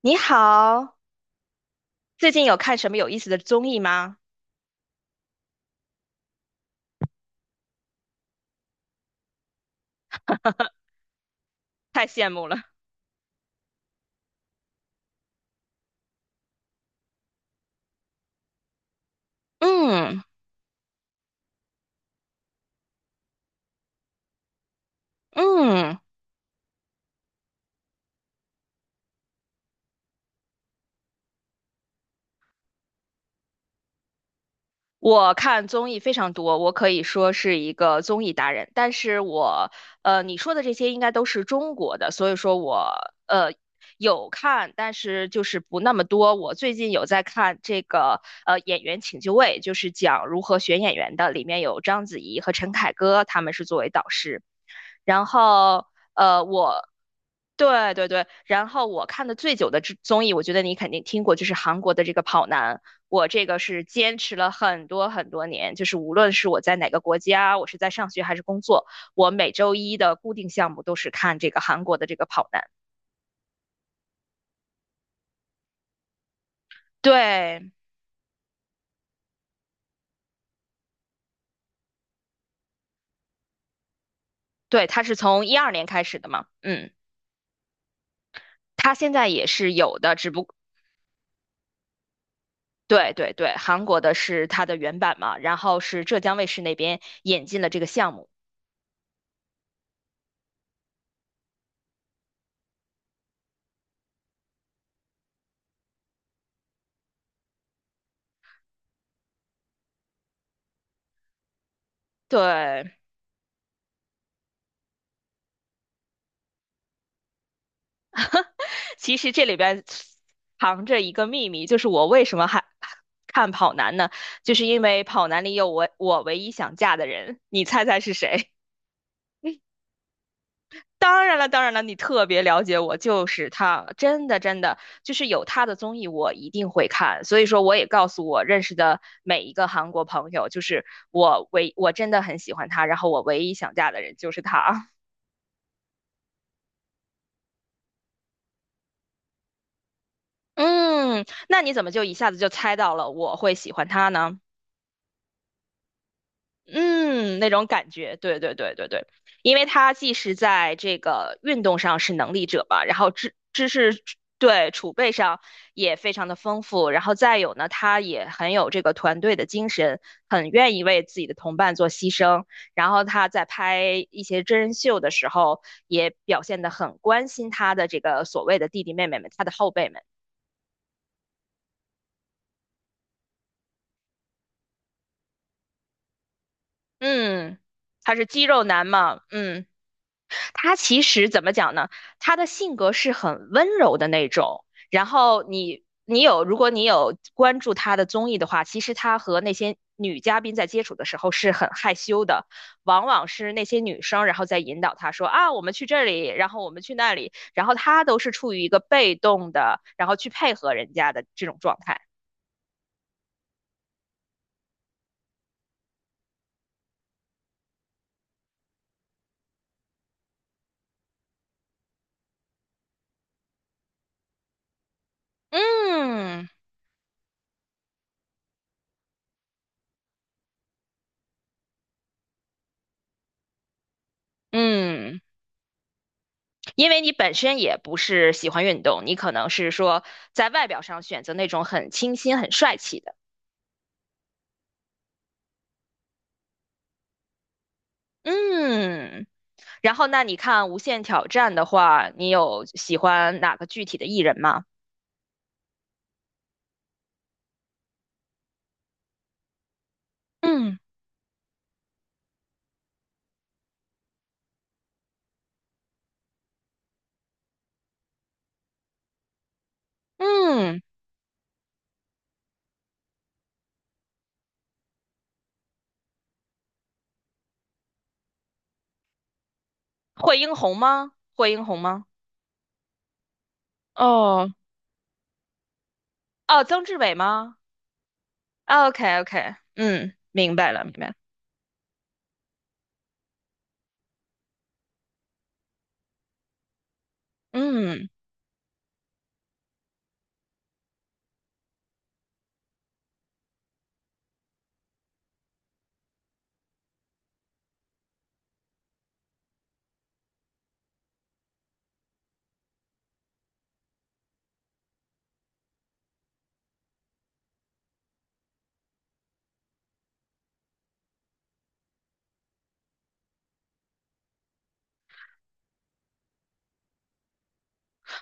你好，最近有看什么有意思的综艺吗？太羡慕了。嗯嗯，我看综艺非常多，我可以说是一个综艺达人。但是我你说的这些应该都是中国的，所以说我呃有看，但是就是不那么多。我最近有在看这个《演员请就位》，就是讲如何选演员的，里面有章子怡和陈凯歌，他们是作为导师。然后我对对对，然后我看的最久的之综艺，我觉得你肯定听过，就是韩国的这个《跑男》，我这个是坚持了很多很多年，就是无论是我在哪个国家，我是在上学还是工作，我每周一的固定项目都是看这个韩国的这个《跑男》。对对，它是从12年开始的嘛，嗯，它现在也是有的，只不对对对，韩国的是它的原版嘛，然后是浙江卫视那边引进了这个项目。对，其实这里边藏着一个秘密，就是我为什么还看跑男呢？就是因为跑男里有我唯一想嫁的人，你猜猜是谁？当然了，当然了，你特别了解我，就是他，真的真的，就是有他的综艺我一定会看，所以说我也告诉我认识的每一个韩国朋友，就是我真的很喜欢他，然后我唯一想嫁的人就是他。嗯，那你怎么就一下子就猜到了我会喜欢他呢？嗯，那种感觉，对对对对对，因为他既是在这个运动上是能力者吧，然后知识对储备上也非常的丰富，然后再有呢，他也很有这个团队的精神，很愿意为自己的同伴做牺牲，然后他在拍一些真人秀的时候，也表现得很关心他的这个所谓的弟弟妹妹们，他的后辈们，嗯，他是肌肉男嘛，嗯。他其实怎么讲呢？他的性格是很温柔的那种。然后你你有，如果你有关注他的综艺的话，其实他和那些女嘉宾在接触的时候是很害羞的，往往是那些女生然后在引导他说啊，我们去这里，然后我们去那里，然后他都是处于一个被动的，然后去配合人家的这种状态。嗯嗯。因为你本身也不是喜欢运动，你可能是说在外表上选择那种很清新、很帅气的。嗯，然后那你看《无限挑战》的话，你有喜欢哪个具体的艺人吗？嗯嗯，惠英红吗？惠英红吗？哦哦，曾志伟吗？OK OK，嗯，明白了明白了，嗯。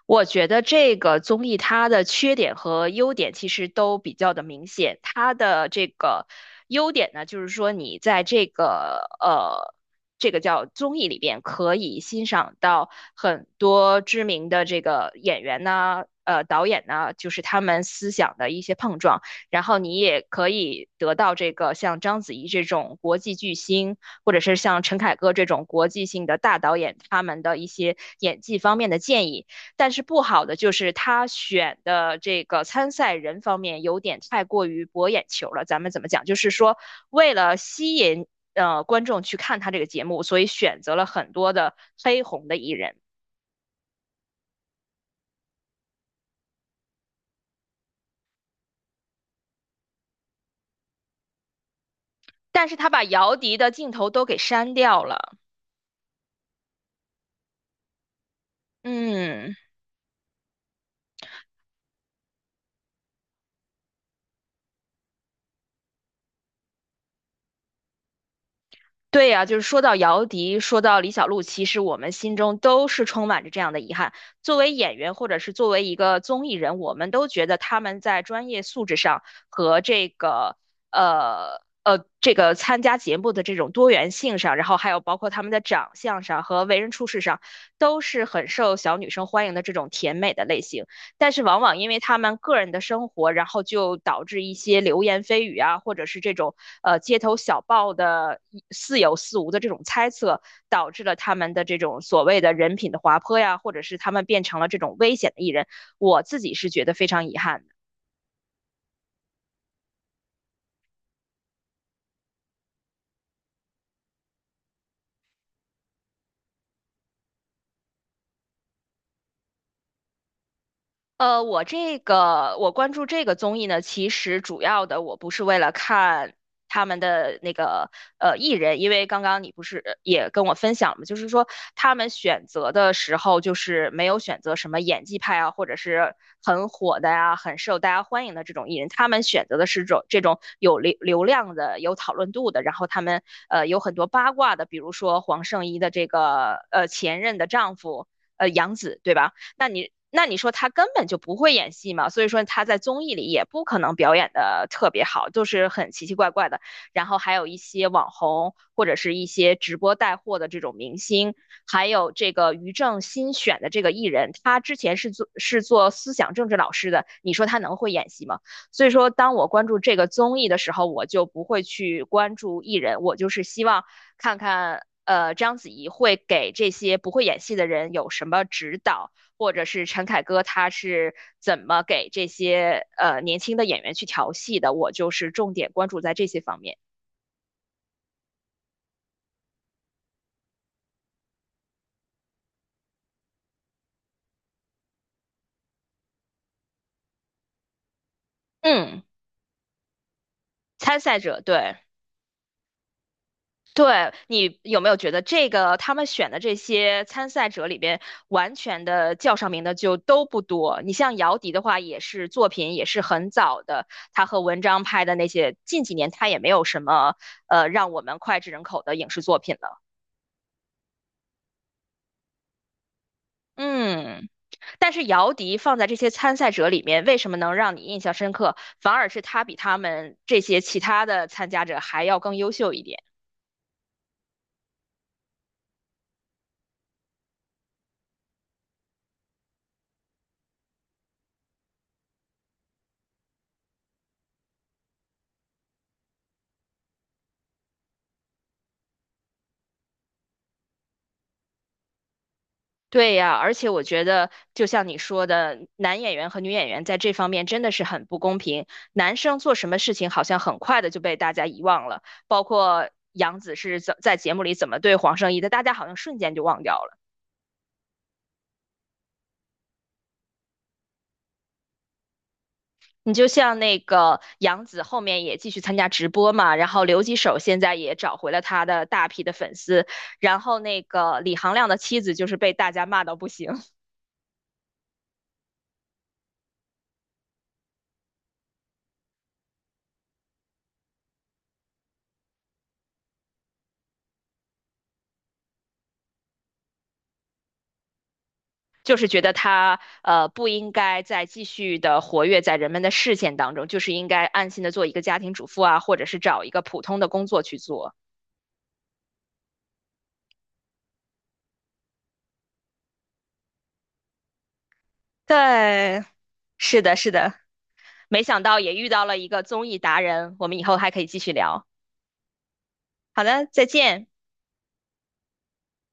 我觉得这个综艺它的缺点和优点其实都比较的明显。它的这个优点呢，就是说你在这个这个叫综艺里边可以欣赏到很多知名的这个演员呢。呃，导演呢，就是他们思想的一些碰撞，然后你也可以得到这个像章子怡这种国际巨星，或者是像陈凯歌这种国际性的大导演，他们的一些演技方面的建议。但是不好的就是他选的这个参赛人方面有点太过于博眼球了。咱们怎么讲？就是说，为了吸引观众去看他这个节目，所以选择了很多的黑红的艺人，但是他把姚笛的镜头都给删掉了。嗯。对呀，就是说到姚笛，说到李小璐，其实我们心中都是充满着这样的遗憾。作为演员，或者是作为一个综艺人，我们都觉得他们在专业素质上和这个这个参加节目的这种多元性上，然后还有包括他们的长相上和为人处事上，都是很受小女生欢迎的这种甜美的类型。但是往往因为他们个人的生活，然后就导致一些流言蜚语啊，或者是这种街头小报的似有似无的这种猜测，导致了他们的这种所谓的人品的滑坡呀，或者是他们变成了这种危险的艺人。我自己是觉得非常遗憾的。呃，我这个我关注这个综艺呢，其实主要的我不是为了看他们的那个艺人，因为刚刚你不是也跟我分享了嘛，就是说他们选择的时候，就是没有选择什么演技派啊，或者是很火的呀、很受大家欢迎的这种艺人，他们选择的是种这种有流量的、有讨论度的，然后他们有很多八卦的，比如说黄圣依的这个前任的丈夫。呃，杨紫对吧？那你说他根本就不会演戏嘛，所以说他在综艺里也不可能表演的特别好，就是很奇奇怪怪的。然后还有一些网红或者是一些直播带货的这种明星，还有这个于正新选的这个艺人，他之前是做思想政治老师的，你说他能会演戏吗？所以说，当我关注这个综艺的时候，我就不会去关注艺人，我就是希望看看。呃，章子怡会给这些不会演戏的人有什么指导？或者是陈凯歌他是怎么给这些年轻的演员去调戏的，我就是重点关注在这些方面。嗯，参赛者，对。对，你有没有觉得这个他们选的这些参赛者里边，完全的叫上名的就都不多？你像姚笛的话，也是作品也是很早的，他和文章拍的那些，近几年他也没有什么让我们脍炙人口的影视作品了。嗯。但是姚笛放在这些参赛者里面，为什么能让你印象深刻？反而是他比他们这些其他的参加者还要更优秀一点。对呀，而且我觉得，就像你说的，男演员和女演员在这方面真的是很不公平。男生做什么事情好像很快的就被大家遗忘了，包括杨紫是怎在节目里怎么对黄圣依的，大家好像瞬间就忘掉了。你就像那个杨紫后面也继续参加直播嘛，然后刘几手现在也找回了他的大批的粉丝，然后那个李行亮的妻子就是被大家骂到不行，就是觉得他不应该再继续的活跃在人们的视线当中，就是应该安心的做一个家庭主妇啊，或者是找一个普通的工作去做。对，是的，是的，没想到也遇到了一个综艺达人，我们以后还可以继续聊。好的，再见。